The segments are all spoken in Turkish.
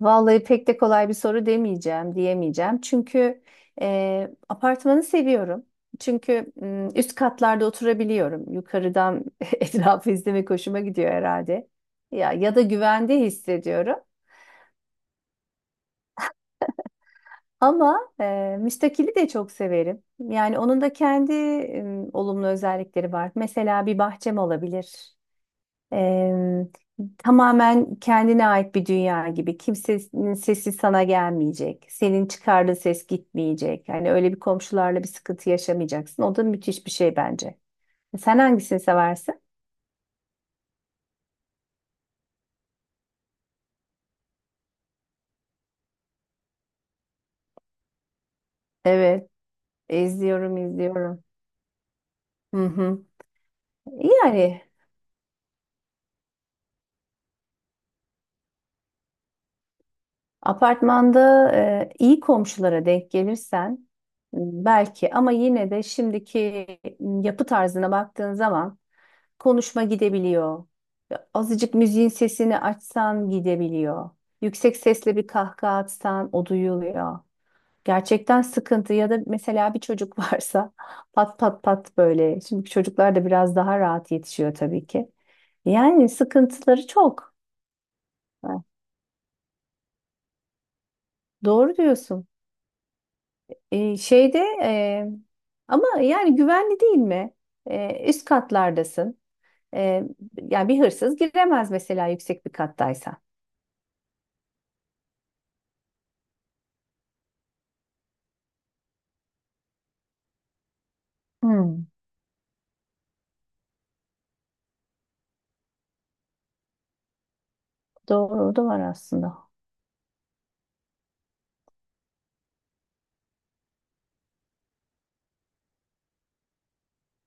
Vallahi pek de kolay bir soru diyemeyeceğim. Çünkü apartmanı seviyorum. Çünkü üst katlarda oturabiliyorum. Yukarıdan etrafı izlemek hoşuma gidiyor herhalde. Ya da güvende hissediyorum. Ama müstakili de çok severim. Yani onun da kendi olumlu özellikleri var. Mesela bir bahçem olabilir. Eee, tamamen kendine ait bir dünya gibi. Kimsenin sesi sana gelmeyecek. Senin çıkardığın ses gitmeyecek. Yani öyle bir komşularla bir sıkıntı yaşamayacaksın. O da müthiş bir şey bence. Sen hangisini seversin? Evet, izliyorum, izliyorum. Hı hı. Yani apartmanda iyi komşulara denk gelirsen belki ama yine de şimdiki yapı tarzına baktığın zaman konuşma gidebiliyor. Ya, azıcık müziğin sesini açsan gidebiliyor. Yüksek sesle bir kahkaha atsan o duyuluyor. Gerçekten sıkıntı ya da mesela bir çocuk varsa pat pat pat böyle. Şimdi çocuklar da biraz daha rahat yetişiyor tabii ki. Yani sıkıntıları çok. Ha, doğru diyorsun. Şeyde e, ama yani güvenli değil mi? Üst katlardasın. Ee, yani bir hırsız giremez mesela yüksek bir kattaysan. Hmm. Doğru, o da var aslında.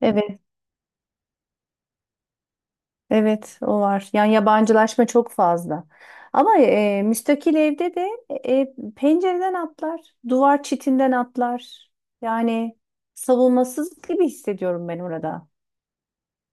Evet, evet o var. Yani yabancılaşma çok fazla. Ama müstakil evde de pencereden atlar, duvar çitinden atlar. Yani savunmasız gibi hissediyorum ben orada.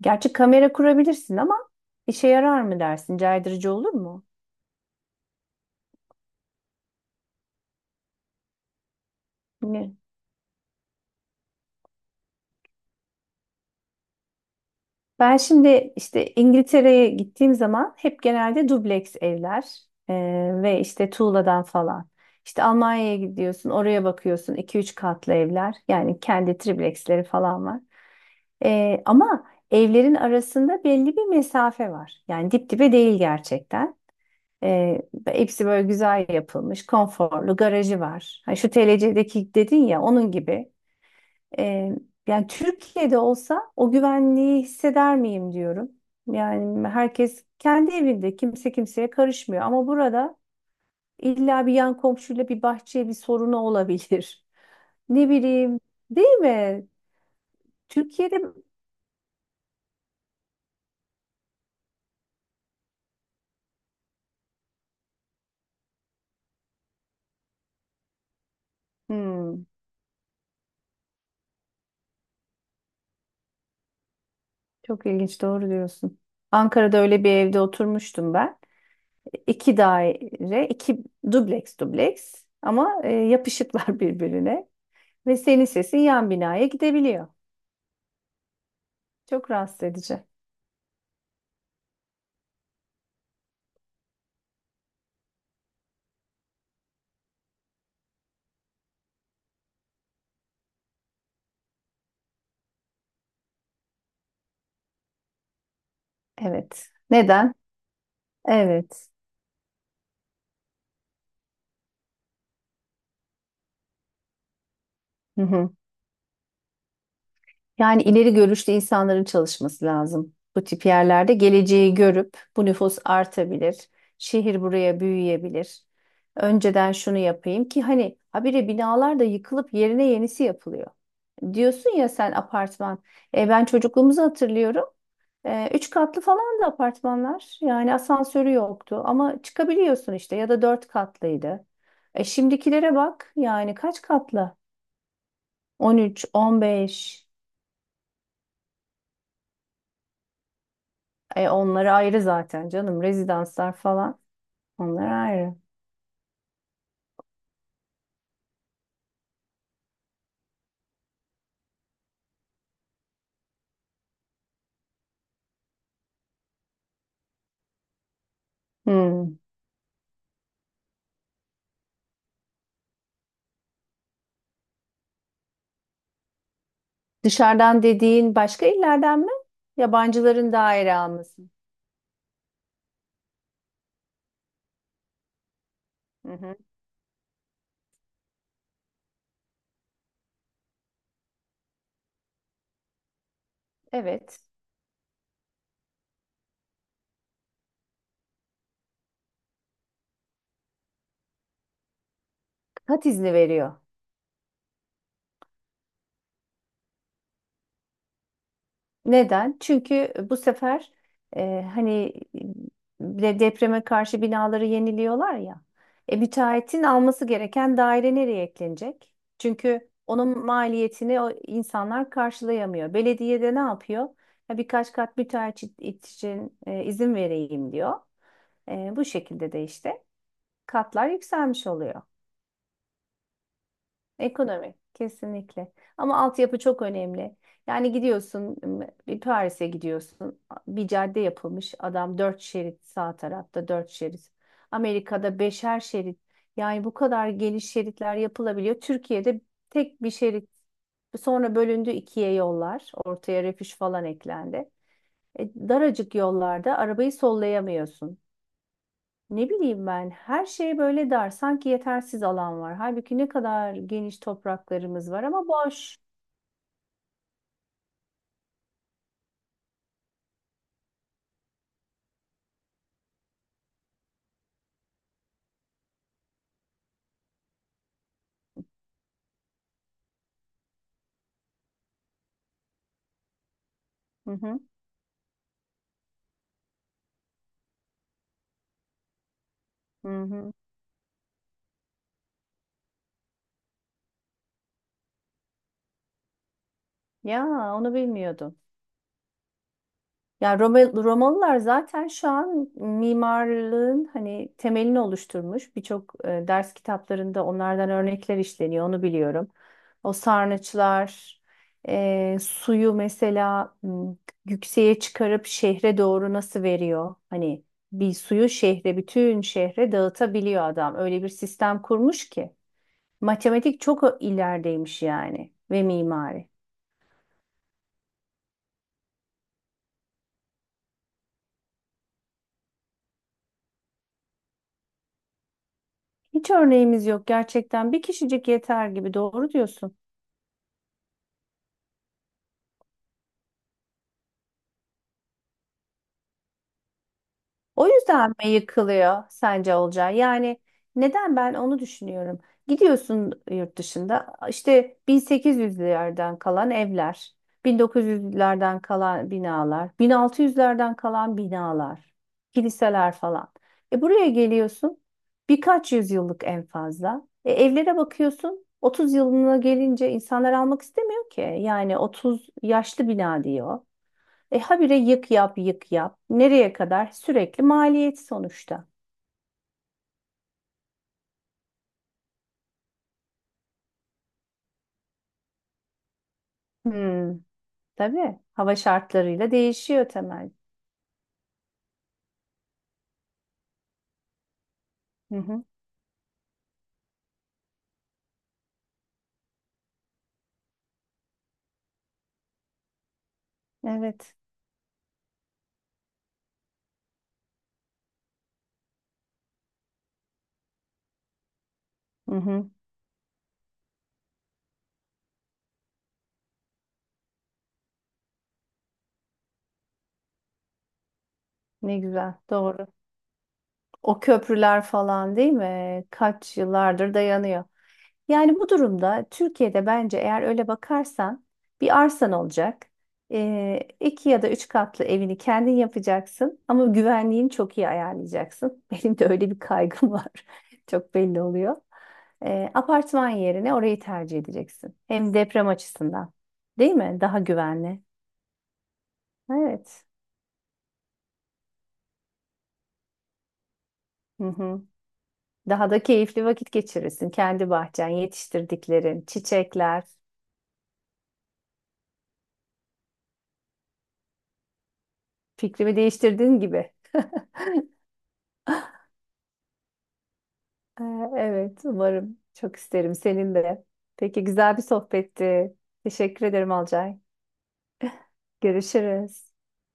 Gerçi kamera kurabilirsin ama işe yarar mı dersin? Caydırıcı olur mu? Ne? Ben şimdi işte İngiltere'ye gittiğim zaman hep genelde dubleks evler ve işte tuğladan falan. İşte Almanya'ya gidiyorsun, oraya bakıyorsun iki üç katlı evler. Yani kendi tripleksleri falan var. Ama evlerin arasında belli bir mesafe var. Yani dip dibe değil gerçekten. Hepsi böyle güzel yapılmış, konforlu, garajı var. Ha, şu TLC'deki dedin ya onun gibi. Ee, yani Türkiye'de olsa o güvenliği hisseder miyim diyorum. Yani herkes kendi evinde kimse kimseye karışmıyor ama burada illa bir yan komşuyla bir bahçeye bir sorunu olabilir. Ne bileyim, değil mi? Türkiye'de. Hmm, çok ilginç, doğru diyorsun. Ankara'da öyle bir evde oturmuştum ben. İki daire, iki dubleks dubleks ama yapışıklar birbirine ve senin sesin yan binaya gidebiliyor. Çok rahatsız edici. Evet. Neden? Evet. Hı hı. Yani ileri görüşlü insanların çalışması lazım. Bu tip yerlerde geleceği görüp bu nüfus artabilir. Şehir buraya büyüyebilir. Önceden şunu yapayım ki hani habire binalar da yıkılıp yerine yenisi yapılıyor. Diyorsun ya sen apartman. E, ben çocukluğumuzu hatırlıyorum. E, üç katlı falan da apartmanlar. Yani asansörü yoktu ama çıkabiliyorsun işte ya da dört katlıydı. E, şimdikilere bak yani kaç katlı? 13, 15. E, onları ayrı zaten canım. Rezidanslar falan. Onlar ayrı. Hmm. Dışarıdan dediğin başka illerden mi? Yabancıların daire alması. Hı hı. Evet. Kat izni veriyor. Neden? Çünkü bu sefer hani depreme karşı binaları yeniliyorlar ya. E, müteahhitin alması gereken daire nereye eklenecek? Çünkü onun maliyetini o insanlar karşılayamıyor. Belediye de ne yapıyor? Ya birkaç kat müteahhit için izin vereyim diyor. E, bu şekilde de işte katlar yükselmiş oluyor. Ekonomi kesinlikle. Ama altyapı çok önemli. Yani gidiyorsun bir Paris'e gidiyorsun. Bir cadde yapılmış. Adam dört şerit, sağ tarafta dört şerit. Amerika'da beşer şerit. Yani bu kadar geniş şeritler yapılabiliyor. Türkiye'de tek bir şerit. Sonra bölündü ikiye yollar. Ortaya refüj falan eklendi. E, daracık yollarda arabayı sollayamıyorsun. Ne bileyim ben, her şey böyle dar, sanki yetersiz alan var. Halbuki ne kadar geniş topraklarımız var ama boş. Hı hı, hı hı. Ya onu bilmiyordum. Ya Romalılar zaten şu an mimarlığın hani temelini oluşturmuş. Birçok ders kitaplarında onlardan örnekler işleniyor, onu biliyorum. O sarnıçlar, suyu mesela yükseğe çıkarıp şehre doğru nasıl veriyor? Hani bir suyu şehre, bütün şehre dağıtabiliyor adam. Öyle bir sistem kurmuş ki. Matematik çok ilerideymiş yani, ve mimari. Hiç örneğimiz yok gerçekten. Bir kişicik yeter gibi, doğru diyorsun. O yüzden mi yıkılıyor sence Olcay? Yani neden, ben onu düşünüyorum. Gidiyorsun yurt dışında işte 1800'lerden kalan evler, 1900'lerden kalan binalar, 1600'lerden kalan binalar, kiliseler falan. E buraya geliyorsun, birkaç yüzyıllık en fazla. E evlere bakıyorsun, 30 yılına gelince insanlar almak istemiyor ki. Yani 30 yaşlı bina diyor. E habire yık yap, yık yap. Nereye kadar? Sürekli maliyet sonuçta. Hmm, tabii. Hava şartlarıyla değişiyor temel. Hı hı, evet. Hı hı, ne güzel. Doğru. O köprüler falan, değil mi? Kaç yıllardır dayanıyor. Yani bu durumda Türkiye'de bence, eğer öyle bakarsan bir arsan olacak. İki ya da üç katlı evini kendin yapacaksın ama güvenliğini çok iyi ayarlayacaksın. Benim de öyle bir kaygım var. Çok belli oluyor. Apartman yerine orayı tercih edeceksin. Hem deprem açısından. Değil mi? Daha güvenli. Evet. Hı hı. Daha da keyifli vakit geçirirsin. Kendi bahçen, yetiştirdiklerin, çiçekler. Fikrimi değiştirdiğin gibi. Ee, Evet, umarım. Çok isterim senin de. Peki, güzel bir sohbetti. Teşekkür ederim Alcay. Görüşürüz.